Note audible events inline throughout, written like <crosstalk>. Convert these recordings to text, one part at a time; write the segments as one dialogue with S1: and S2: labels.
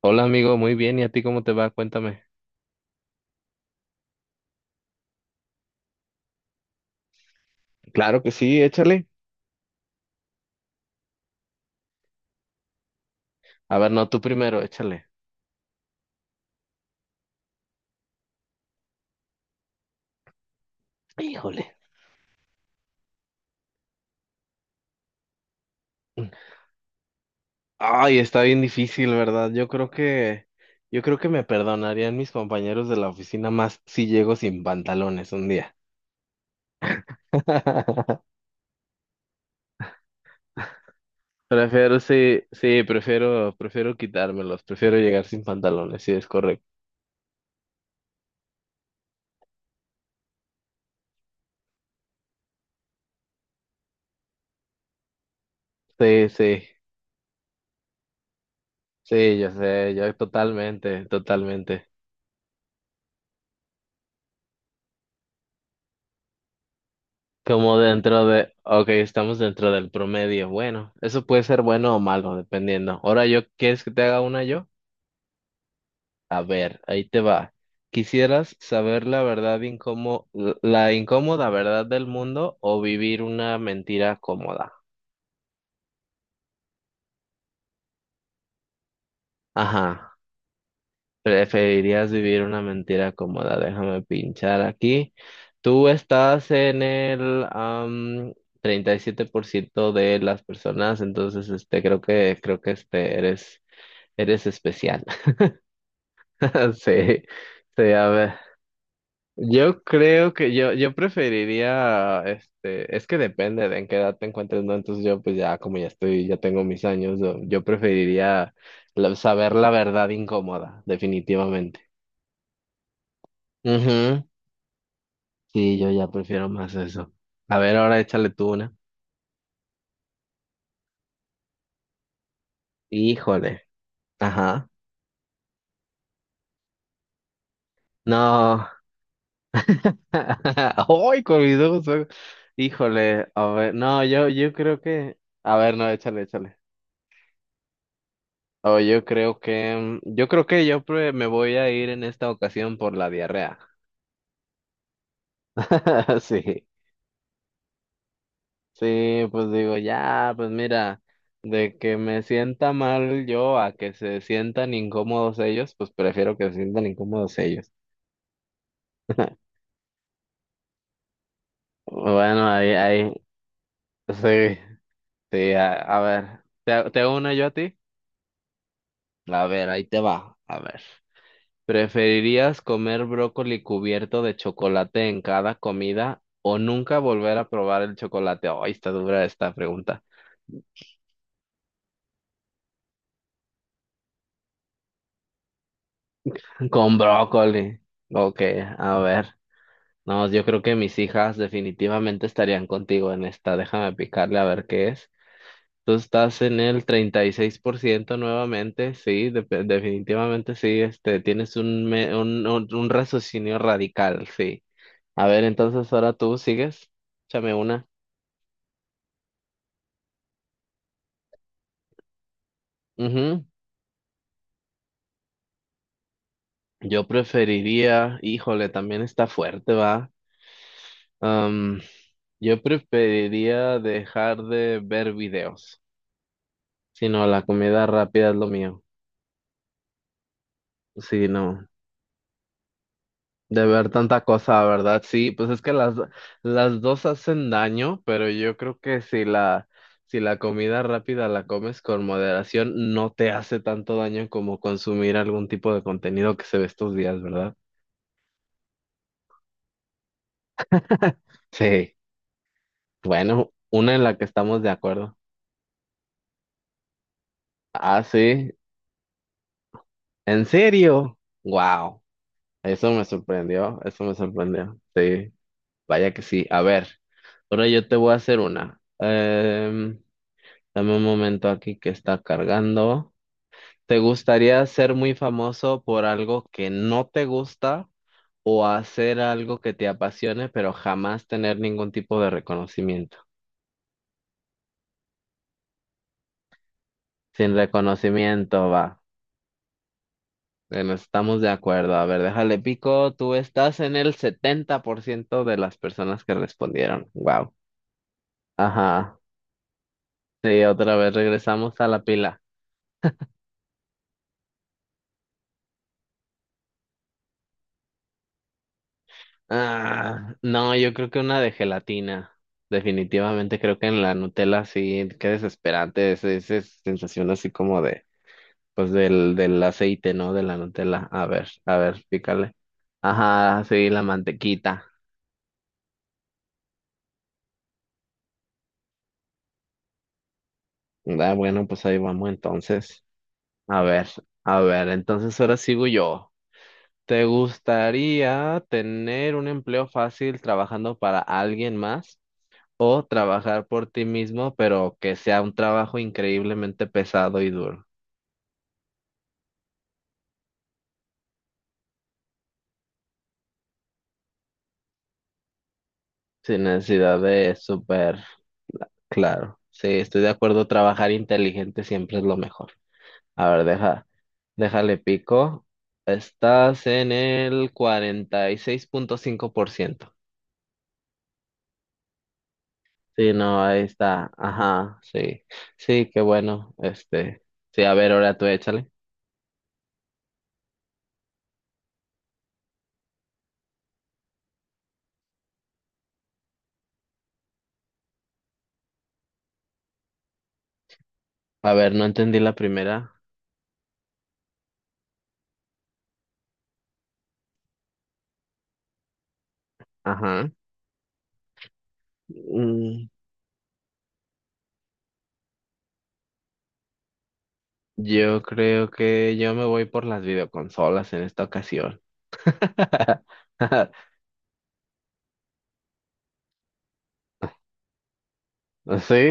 S1: Hola amigo, muy bien. ¿Y a ti cómo te va? Cuéntame. Claro que sí, échale. A ver, no, tú primero, échale. Híjole. Ay, está bien difícil, ¿verdad? Yo creo que me perdonarían mis compañeros de la oficina más si llego sin pantalones un día. <laughs> Prefiero, sí, sí, prefiero quitármelos, prefiero llegar sin pantalones, sí, es correcto. Sí, sí, sí, yo sé, yo totalmente, totalmente. Como dentro de, ok, estamos dentro del promedio. Bueno, eso puede ser bueno o malo, dependiendo. Ahora yo, ¿quieres que te haga una yo? A ver, ahí te va. ¿Quisieras saber la verdad la incómoda verdad del mundo o vivir una mentira cómoda? Ajá, preferirías vivir una mentira cómoda. Déjame pinchar aquí. Tú estás en el 37% de las personas, entonces este creo que este eres especial. <laughs> Sí, sí, a ver. Yo creo que yo preferiría, este, es que depende de en qué edad te encuentres, ¿no? Entonces yo pues ya como ya estoy, ya tengo mis años, yo preferiría saber la verdad incómoda, definitivamente. Ujú. Sí, yo ya prefiero más eso. A ver, ahora échale tú una. Híjole. Ajá. No. <laughs> Ay, con mis ojos. Híjole. A ver, no, yo creo que. A ver, no, échale, échale. Oh, yo creo que me voy a ir en esta ocasión por la diarrea. <laughs> Sí, sí, pues digo, ya, pues mira, de que me sienta mal yo a que se sientan incómodos ellos, pues prefiero que se sientan incómodos ellos. <laughs> Bueno, ahí, ahí, sí, sí, a ver, ¿te uno yo a ti? A ver, ahí te va, a ver. ¿Preferirías comer brócoli cubierto de chocolate en cada comida o nunca volver a probar el chocolate? Ay, está dura esta pregunta. <laughs> Con brócoli. Ok, a ver. No, yo creo que mis hijas definitivamente estarían contigo en esta. Déjame picarle a ver qué es. Tú estás en el 36% nuevamente, sí, definitivamente sí, este, tienes un, me- un raciocinio radical, sí. A ver, entonces ahora tú sigues, échame una. Ujú. Yo preferiría, híjole, también está fuerte, va. Am, yo preferiría dejar de ver videos. Si no, la comida rápida es lo mío. Si no, de ver tanta cosa, ¿verdad? Sí, pues es que las dos hacen daño, pero yo creo que si la comida rápida la comes con moderación, no te hace tanto daño como consumir algún tipo de contenido que se ve estos días, ¿verdad? Sí, bueno, una en la que estamos de acuerdo. Ah, sí. ¿En serio? Wow, eso me sorprendió, eso me sorprendió. Sí, vaya que sí. A ver, ahora yo te voy a hacer una. Em, dame un momento aquí que está cargando. ¿Te gustaría ser muy famoso por algo que no te gusta o hacer algo que te apasione pero jamás tener ningún tipo de reconocimiento? Sin reconocimiento va. Bueno, estamos de acuerdo. A ver, déjale pico. Tú estás en el 70% de las personas que respondieron. Wow. Ajá. Sí, otra vez regresamos a la pila. Ah, no, yo creo que una de gelatina. Definitivamente creo que en la Nutella sí, qué desesperante esa sensación así como de, pues del aceite, ¿no? De la Nutella. A ver, pícale. Ajá, sí, la mantequita. Ah, bueno, pues ahí vamos entonces. A ver, a ver, entonces ahora sigo yo. ¿Te gustaría tener un empleo fácil trabajando para alguien más o trabajar por ti mismo, pero que sea un trabajo increíblemente pesado y duro, sin necesidad de súper claro? Sí, estoy de acuerdo, trabajar inteligente siempre es lo mejor. A ver, déjale pico. Estás en el cuarenta y seis punto cinco por ciento. Sí, no, ahí está. Ajá, sí. Sí, qué bueno. Este, sí, a ver, ahora tú échale. A ver, no entendí la primera. Ajá. Mm, yo creo que yo me voy por las videoconsolas en esta ocasión. <laughs> Sí,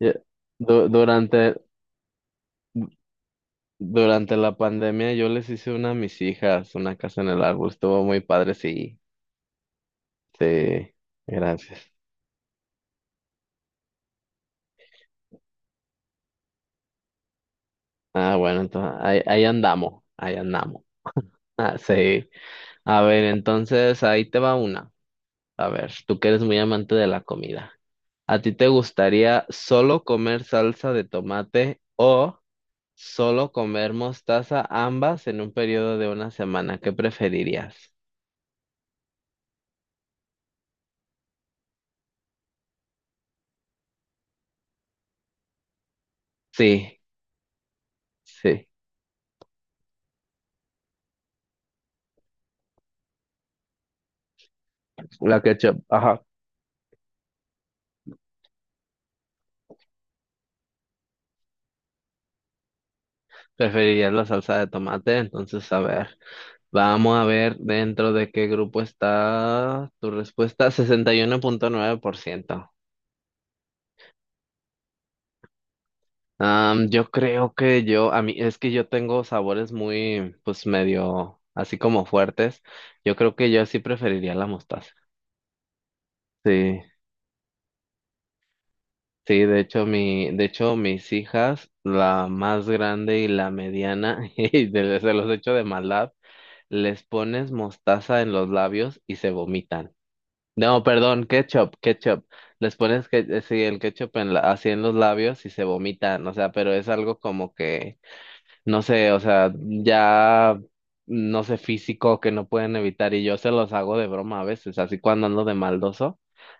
S1: yo- durante, durante la pandemia yo les hice una a mis hijas, una casa en el árbol. Estuvo muy padre, sí. Sí, gracias. Ah, bueno, entonces ahí, ahí andamos, ahí andamos. Ah, sí. A ver, entonces ahí te va una. A ver, tú que eres muy amante de la comida. ¿A ti te gustaría solo comer salsa de tomate o solo comer mostaza, ambas en un periodo de una semana? ¿Qué preferirías? Sí, sí, la ketchup, ajá. Preferirías la salsa de tomate, entonces a ver, vamos a ver dentro de qué grupo está tu respuesta, 61.9%. Am, yo creo que yo, a mí, es que yo tengo sabores muy, pues medio, así como fuertes. Yo creo que yo sí preferiría la mostaza. Sí, sí, de hecho, mi, de hecho, mis hijas, la más grande y la mediana, <laughs> y se los echo de maldad, les pones mostaza en los labios y se vomitan. No, perdón, ketchup, ketchup. Les pones que, sí, el ketchup en así en los labios y se vomitan. O sea, pero es algo como que no sé, o sea, ya, no sé, físico que no pueden evitar y yo se los hago de broma a veces, así cuando ando de maldoso,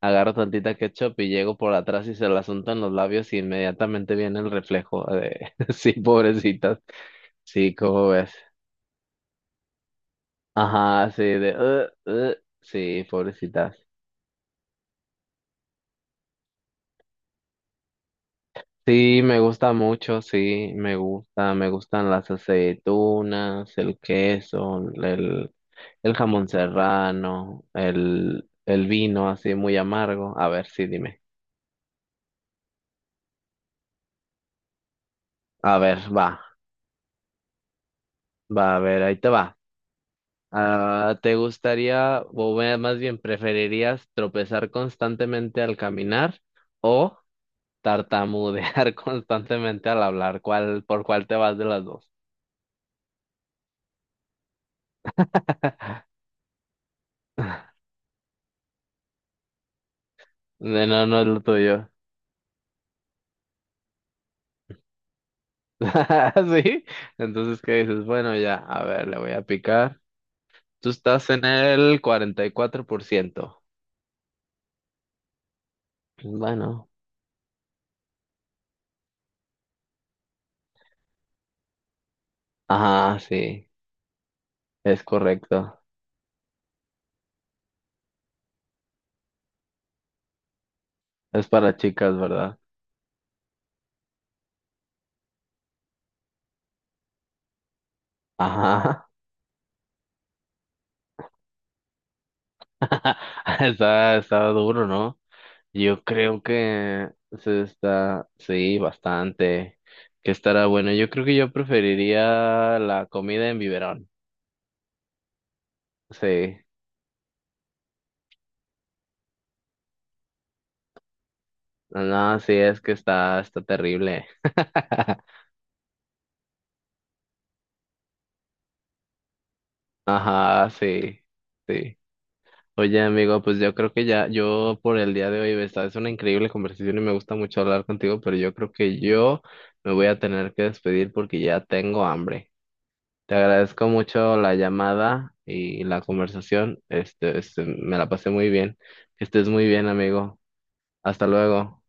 S1: agarro tantita ketchup y llego por atrás y se la unto en los labios y inmediatamente viene el reflejo de, <laughs> sí, pobrecitas, sí, ¿cómo ves? Ajá, sí, de, "Ugh, ugh", sí, pobrecitas. Sí, me gusta mucho, sí, me gusta, me gustan las aceitunas, el queso, el jamón serrano, el vino así muy amargo. A ver, sí, dime. A ver, va, a ver, ahí te va. Ah, ¿te gustaría, más bien, preferirías tropezar constantemente al caminar o tartamudear <laughs> constantemente al hablar? ¿Cuál, por cuál te vas de las dos? No, no es lo tuyo. <laughs> ¿Sí? Entonces, ¿qué dices? Bueno, ya, a ver, le voy a picar. Tú estás en el cuarenta y cuatro por ciento. Pues bueno, ajá, sí, es correcto. Es para chicas, ¿verdad? Ajá. <laughs> Está, está duro, ¿no? Yo creo que se está, sí, bastante. Que estará bueno. Yo creo que yo preferiría la comida en biberón. Sí. No, sí, es que está, está terrible. <laughs> Ajá, sí, sí. Oye, amigo, pues yo creo que ya, yo por el día de hoy, esta es una increíble conversación y me gusta mucho hablar contigo, pero yo creo que yo me voy a tener que despedir porque ya tengo hambre. Te agradezco mucho la llamada y la conversación. Este, me la pasé muy bien. Que estés muy bien, amigo. Hasta luego.